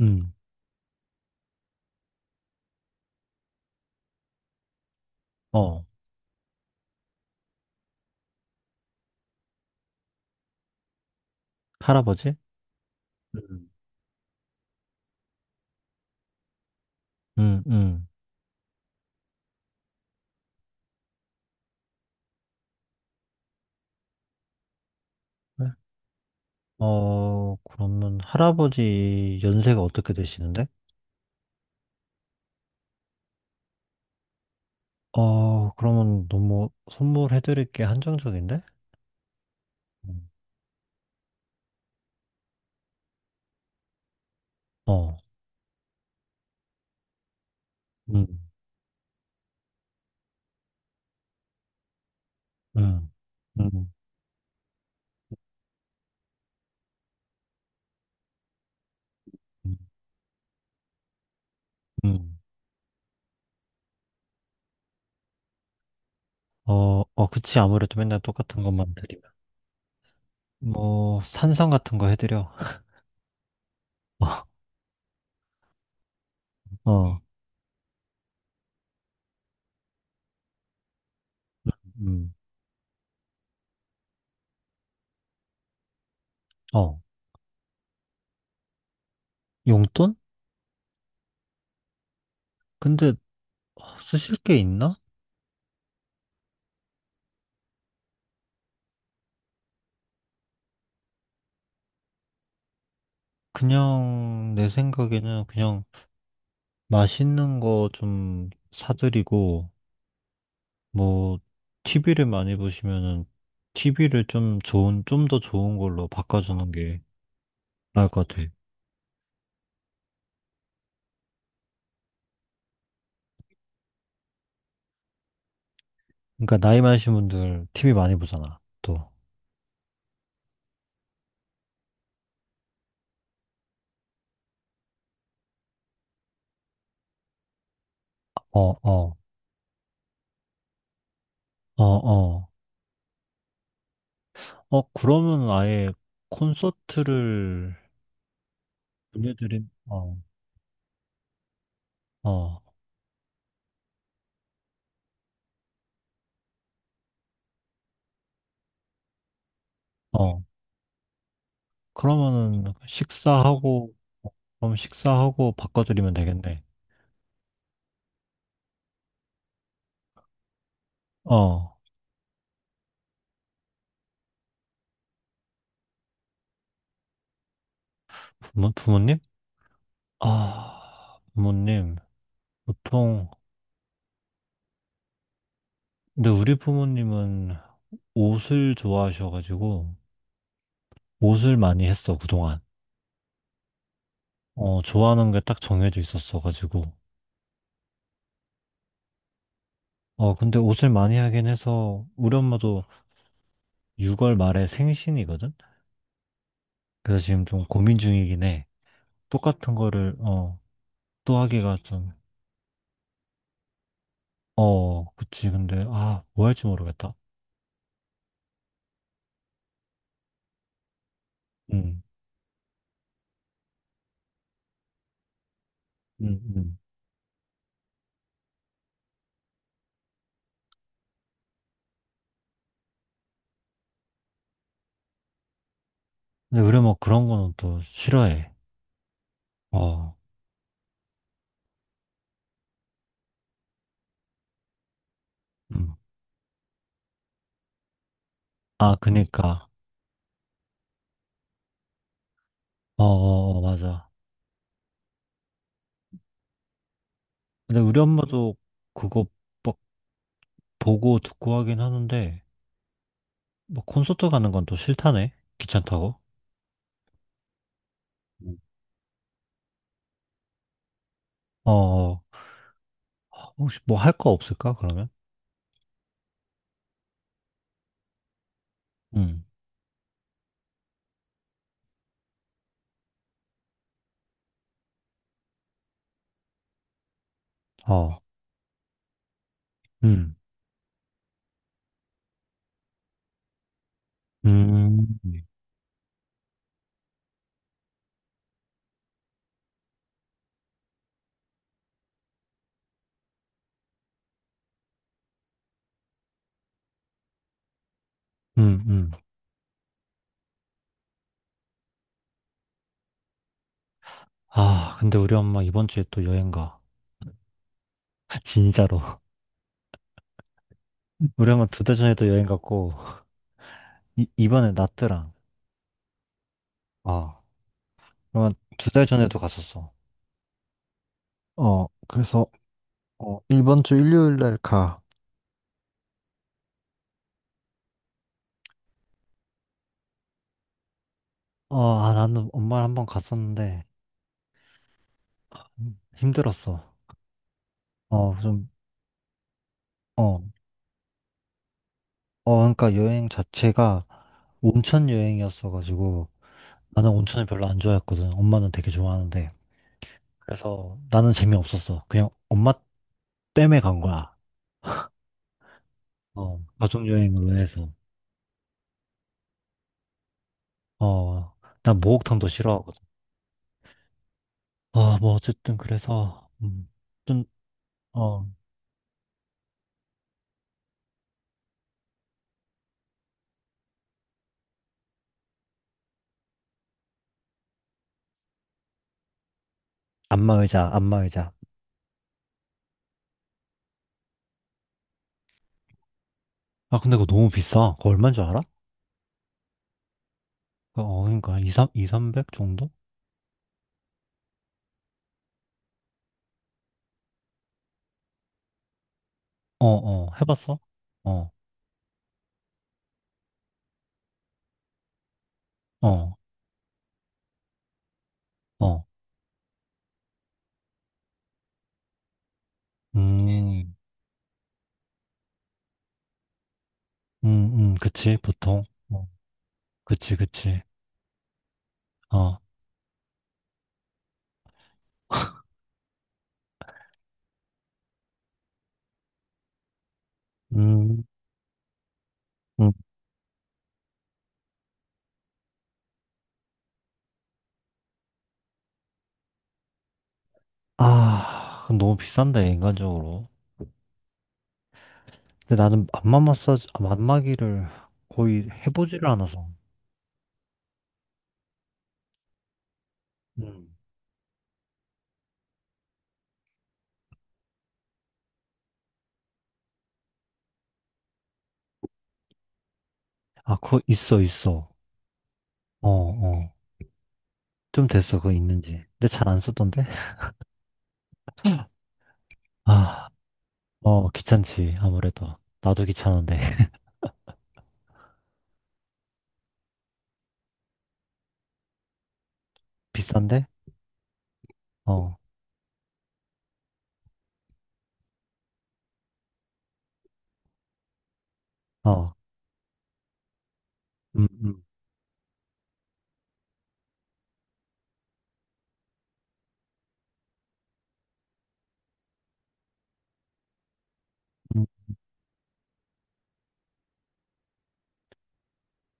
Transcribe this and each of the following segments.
음. 어, 할아버지? 음. 음, 음. 네. 그러면 할아버지 연세가 어떻게 되시는데? 그러면 너무 선물해드릴 게 한정적인데? 음. 어, 음, 음, 음, 음, 음. 어, 어, 그치. 아무래도 맨날 똑같은 것만 드리면. 뭐, 산성 같은 거 해드려. 어, 음, 어, 용돈? 근데 쓰실 게 있나? 그냥 내 생각에는 그냥 맛있는 거 좀 사드리고, 뭐, TV를 많이 보시면은, TV를 좀 좋은, 좀 더 좋은 걸로 바꿔주는 게 나을 것 같아. 그러니까, 나이 많으신 분들 TV 많이 보잖아, 또. 어, 어, 어, 어. 어, 그러면 아예 콘서트를 보내드린, 어, 어, 어. 그러면은, 식사하고, 그럼 식사하고 바꿔드리면 되겠네. 어, 부모님? 아, 부모님. 보통, 근데 우리 부모님은 옷을 좋아하셔가지고, 옷을 많이 했어, 그동안. 어, 좋아하는 게 딱 정해져 있었어가지고. 어, 근데 옷을 많이 하긴 해서, 우리 엄마도 6월 말에 생신이거든? 그래서 지금 좀 고민 중이긴 해. 똑같은 거를, 어, 또 하기가 좀, 어, 그치. 근데, 아, 뭐 할지 모르겠다. 음, 음, 음. 근데 우리 엄마 그런 거는 또 싫어해. 어, 음. 아, 그니까. 어, 어, 어, 맞아. 근데 우리 엄마도 그거 막 보고 듣고 하긴 하는데, 뭐 콘서트 가는 건 또 싫다네? 귀찮다고? 음. 어, 어. 혹시 뭐 할 거 없을까, 그러면? 음, 어, 음, 음, 음, 음. 아, 근데 우리 엄마 이번 주에 또 여행 가. 진짜로. 우리 엄마 두 달 전에도 여행 갔고, 이번에 나트랑. 아, 그러면 두 달 전에도 갔었어. 어, 그래서, 어, 이번 주 일요일 날 가. 어, 아, 나는 엄마랑 한번 갔었는데, 힘들었어. 어, 좀, 어, 어, 그러니까 여행 자체가 온천 여행이었어가지고 나는 온천을 별로 안 좋아했거든. 엄마는 되게 좋아하는데. 그래서 나는 재미없었어. 그냥 엄마 땜에 간 거야. 어, 가족 여행으로 해서. 어, 난 목욕탕도 싫어하거든. 아, 뭐 어쨌든 그래서 좀, 어, 안마의자, 안마의자. 아, 근데 그거 너무 비싸. 그거 얼마인 줄 알아? 어, 그러니까 이삼 2, 300 정도? 어, 어, 해봤어? 어, 어, 어. 음, 그치, 보통. 어, 그치, 그치. 어, 음, 음. 아, 그건 너무 비싼데, 인간적으로. 근데 나는 안마 마사지, 아, 안마기를 거의 해보지를 않아서. 음. 아, 그거 있어, 있어. 어, 어. 좀 됐어, 그거 있는지. 근데 잘 안 쓰던데? 아, 어, 귀찮지, 아무래도. 나도 귀찮은데. 비싼데? 어, 어. 음, 음. 음.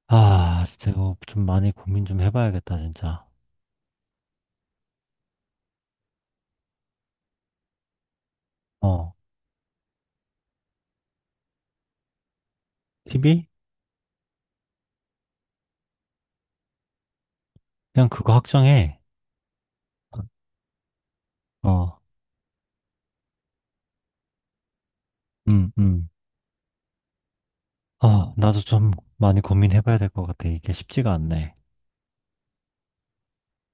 아, 진짜 이거 좀 많이 고민 좀 해봐야겠다, 진짜. 어. TV? 그냥 그거 확정해. 어, 음, 음. 아, 나도 좀 많이 고민해봐야 될 것 같아. 이게 쉽지가 않네.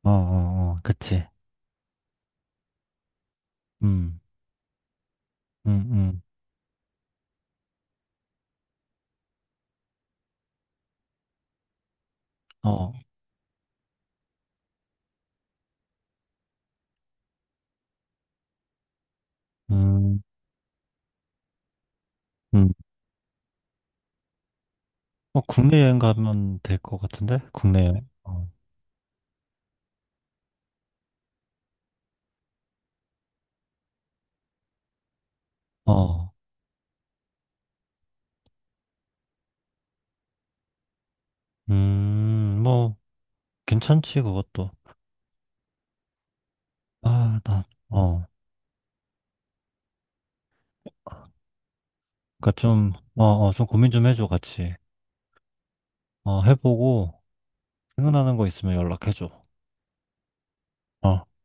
어, 어, 어, 그치. 음, 음, 음. 어, 음, 음. 어, 국내 여행 가면 될 것 같은데? 국내 여행? 어, 어, 뭐, 괜찮지, 그것도. 아, 나, 어. 그니까 좀, 어, 어, 좀 고민 좀 해줘, 같이. 어, 해보고, 생각나는 거 있으면 연락해줘. 어.